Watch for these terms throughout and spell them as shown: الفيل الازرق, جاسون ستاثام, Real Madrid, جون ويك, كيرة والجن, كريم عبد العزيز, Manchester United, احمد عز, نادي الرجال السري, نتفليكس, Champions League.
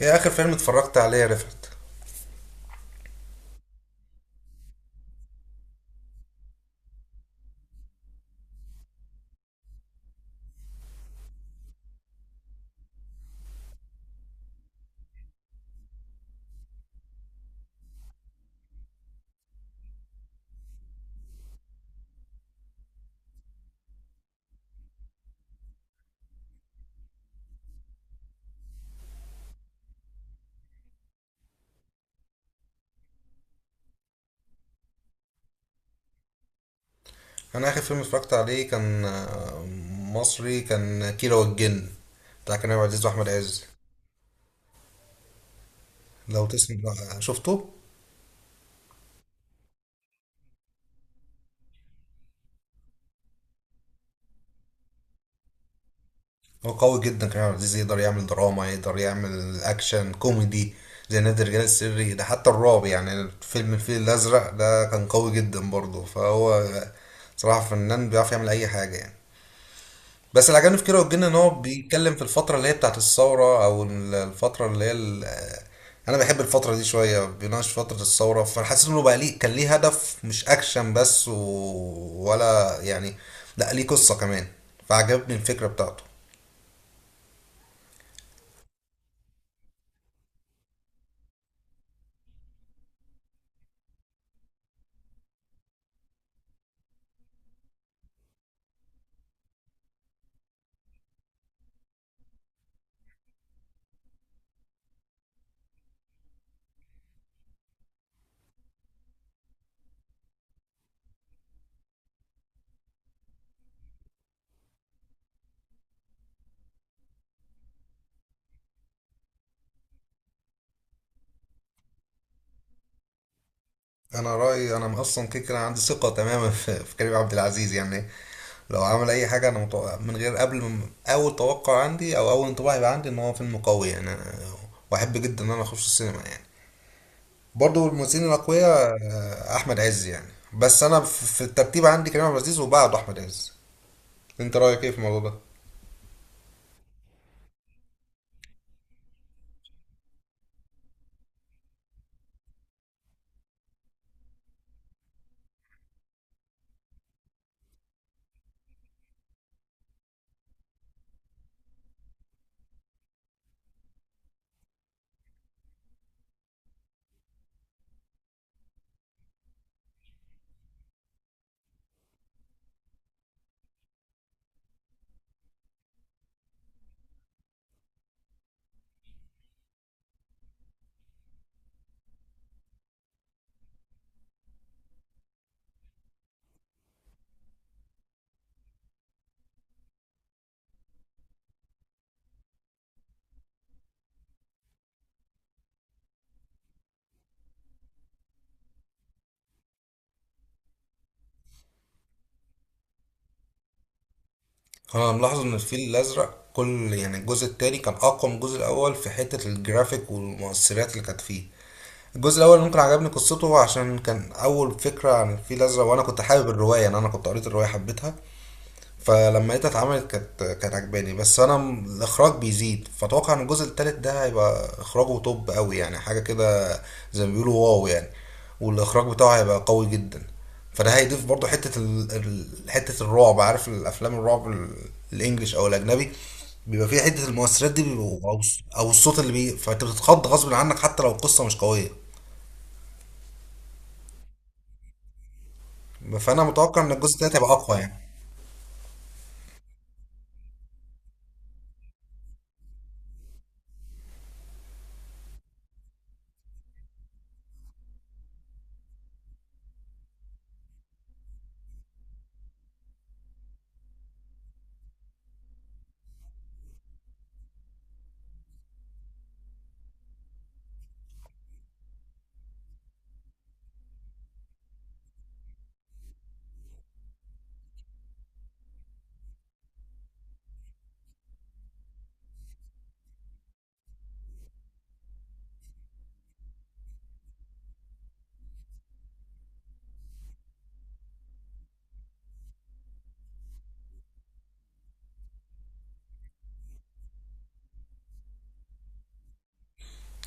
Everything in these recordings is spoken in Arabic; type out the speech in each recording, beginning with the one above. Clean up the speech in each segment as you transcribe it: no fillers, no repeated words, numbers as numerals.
ايه اخر فيلم اتفرجت عليه يا رفعت؟ انا اخر فيلم اتفرجت عليه كان مصري، كان كيرة والجن، بتاع كريم عبد العزيز واحمد عز. لو تسمع شفته. هو قوي جدا كريم عبد العزيز، يقدر يعمل دراما، يقدر يعمل اكشن كوميدي زي نادي الرجال السري ده، حتى الرعب يعني فيلم الفيل الازرق ده كان قوي جدا برضه. فهو صراحة فنان بيعرف يعمل اي حاجة يعني. بس اللي عجبني في كيرة والجن ان هو بيتكلم في الفترة اللي هي بتاعت الثورة، او ال- الفترة اللي هي ال- انا بحب الفترة دي شوية، بيناقش فترة الثورة، فحسيت انه بقى ليه، كان ليه هدف مش اكشن بس و... ولا يعني لا، ليه قصة كمان، فعجبني الفكرة بتاعته. انا رأيي، انا اصلا كده كده عندي ثقة تماما في كريم عبد العزيز يعني. لو عمل اي حاجة، انا متوقع من غير، قبل من اول توقع عندي او اول انطباع يبقى عندي ان هو فيلم قوي يعني. واحب جدا ان انا اخش السينما يعني. برضو الممثلين الاقوياء آه، احمد عز يعني، بس انا في الترتيب عندي كريم عبد العزيز وبعده احمد عز. انت رايك ايه في الموضوع ده؟ انا ملاحظ ان الفيل الازرق، كل يعني الجزء التاني كان اقوى من الجزء الاول في حته الجرافيك والمؤثرات اللي كانت فيه. الجزء الاول ممكن عجبني قصته عشان كان اول فكره عن الفيل الازرق، وانا كنت حابب الروايه يعني، انا كنت قريت الروايه، حبيتها، فلما لقيتها اتعملت كانت عجباني. الاخراج بيزيد، فاتوقع ان الجزء التالت ده هيبقى اخراجه توب قوي يعني، حاجه كده زي ما بيقولوا واو يعني، والاخراج بتاعه هيبقى قوي جدا. فده هيضيف برضو حته حته الرعب. عارف الافلام الرعب، الانجليش او الاجنبي، بيبقى فيها حته المؤثرات دي، بيبقوا او الص- أو الصوت اللي بي، فانت بتتخض غصب عنك حتى لو القصه مش قويه. فانا متوقع ان الجزء التالت هيبقى اقوى يعني.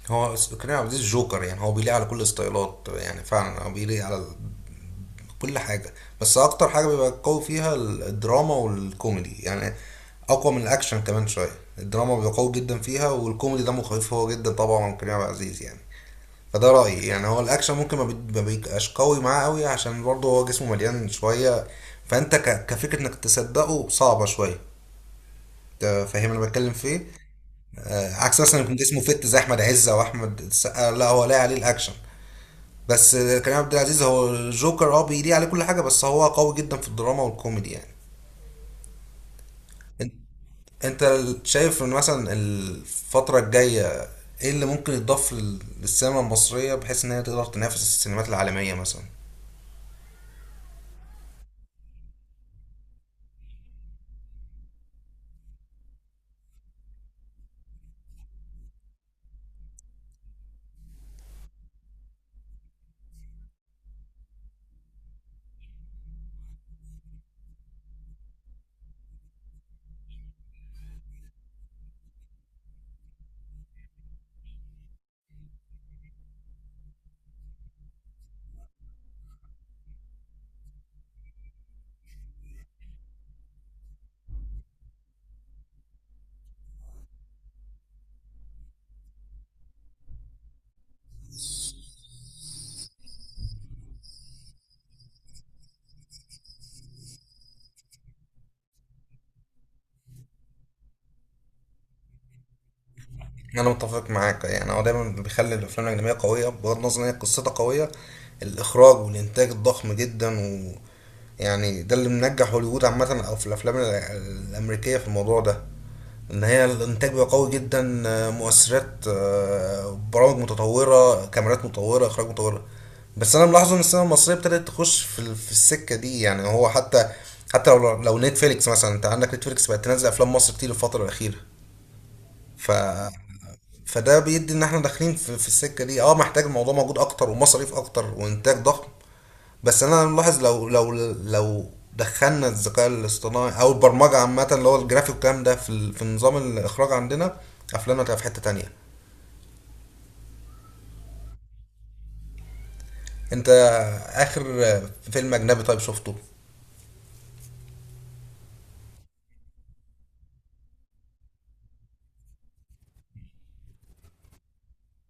كريم عبد العزيز جوكر يعني، هو بيليق على كل الستايلات، يعني فعلا هو بيليق على كل حاجة. بس أكتر حاجة بيبقى قوي فيها الدراما والكوميدي يعني، أقوى من الأكشن كمان شوية. الدراما بيبقى قوي جدا فيها، والكوميدي دمه خفيف هو جدا طبعا، من كريم عبد العزيز يعني. فده رأيي يعني. هو الأكشن ممكن ما بيبقاش قوي معاه قوي، عشان برضه هو جسمه مليان شوية، فأنت كفكرة إنك تصدقه صعبة شوية. أنت فاهم أنا بتكلم في إيه؟ آه، عكس مثلا يكون جسمه فت زي أحمد عز أو أحمد السقا، لا هو لاقي عليه الأكشن. بس كريم عبد العزيز هو الجوكر، اه بيليق عليه كل حاجه، بس هو قوي جدا في الدراما والكوميدي يعني. انت شايف ان مثلا الفتره الجايه ايه اللي ممكن يتضاف للسينما المصريه بحيث ان هي تقدر تنافس السينمات العالميه مثلا؟ انا متفق معاك يعني. هو دايما بيخلي الافلام الاجنبيه قويه بغض النظر ان هي قصتها قويه، الاخراج والانتاج الضخم جدا، و يعني ده اللي منجح هوليوود عامه، او في الافلام الامريكيه في الموضوع ده، ان هي الانتاج بقى قوي جدا آه، مؤثرات آه، برامج متطوره، كاميرات متطوره، اخراج متطوره. بس انا ملاحظ ان السينما المصريه ابتدت تخش في في السكه دي يعني. هو حتى حتى لو نتفليكس مثلا، انت عندك نتفليكس بقت تنزل افلام مصر كتير الفتره الاخيره، ف فده بيدي ان احنا داخلين في السكه دي. اه محتاج الموضوع موجود اكتر ومصاريف اكتر وانتاج ضخم. بس انا ملاحظ لو لو دخلنا الذكاء الاصطناعي او البرمجه عامه، اللي هو الجرافيك والكلام ده، في في نظام الاخراج عندنا، افلامنا هتبقى في حته تانية. انت اخر فيلم اجنبي طيب شفته؟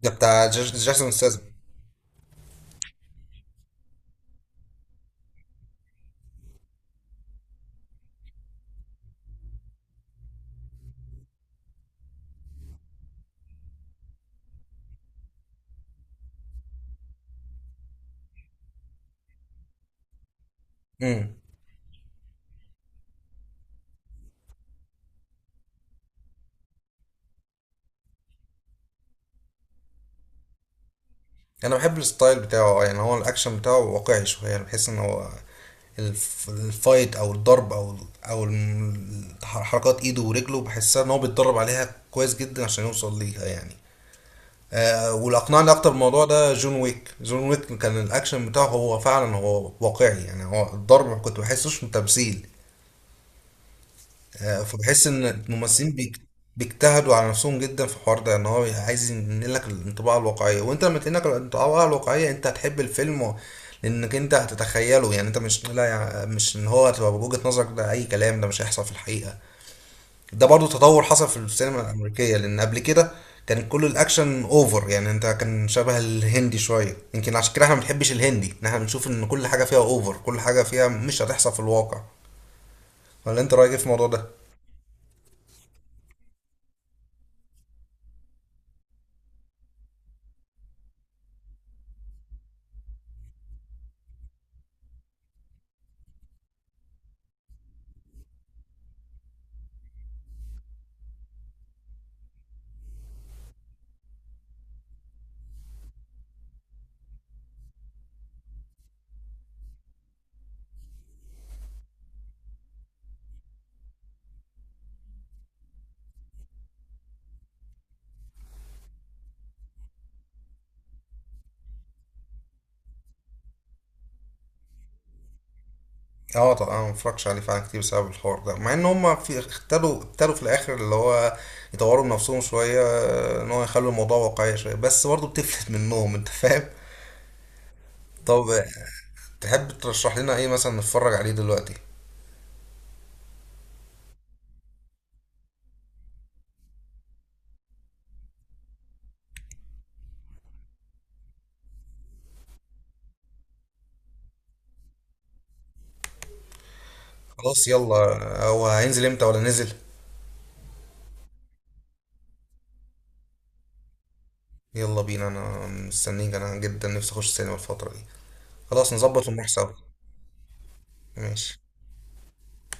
ده بتاع جاسون ستاثام. انا بحب الستايل بتاعه اه، يعني هو الاكشن بتاعه واقعي شويه يعني، بحس ان هو الفايت او الضرب او ال- او الم- ح- حركات ايده ورجله، بحسها ان هو بيتدرب عليها كويس جدا عشان يوصل ليها يعني. آه، واللي اقنعني اكتر بالموضوع ده جون ويك. جون ويك كان الاكشن بتاعه هو فعلا هو واقعي يعني، هو الضرب ما كنت بحسوش من تمثيل. آه، فبحس ان الممثلين بيجتهدوا على نفسهم جدا في الحوار ده، ان هو عايز ينقلك الانطباع الواقعيه، وانت لما تنقلك الانطباع الواقعيه انت هتحب الفيلم، لانك انت هتتخيله يعني. انت مش لا يع- مش ان هو تبقى بوجهه نظرك ده اي كلام، ده مش هيحصل في الحقيقه. ده برضو تطور حصل في السينما الامريكيه، لان قبل كده كان كل الاكشن اوفر يعني، انت كان شبه الهندي شويه. يمكن عشان كده احنا ما بنحبش الهندي، ان احنا بنشوف ان كل حاجه فيها اوفر، كل حاجه فيها مش هتحصل في الواقع. ولا انت رايك ايه في الموضوع ده؟ اه طبعا انا ما بتفرجش عليه فعلا كتير بسبب الحوار ده، مع ان هم في اختلوا، ابتدوا في الاخر اللي هو يطوروا من نفسهم شويه آه، ان هو يخلوا الموضوع واقعي شويه، بس برضه بتفلت منهم، انت فاهم. طب آه، تحب ترشح لنا ايه مثلا نتفرج عليه دلوقتي؟ خلاص يلا. هو هينزل امتى ولا نزل؟ يلا بينا، انا مستنيك، انا جدا نفسي اخش السينما الفتره دي. خلاص نظبط ونروح سوا. ماشي.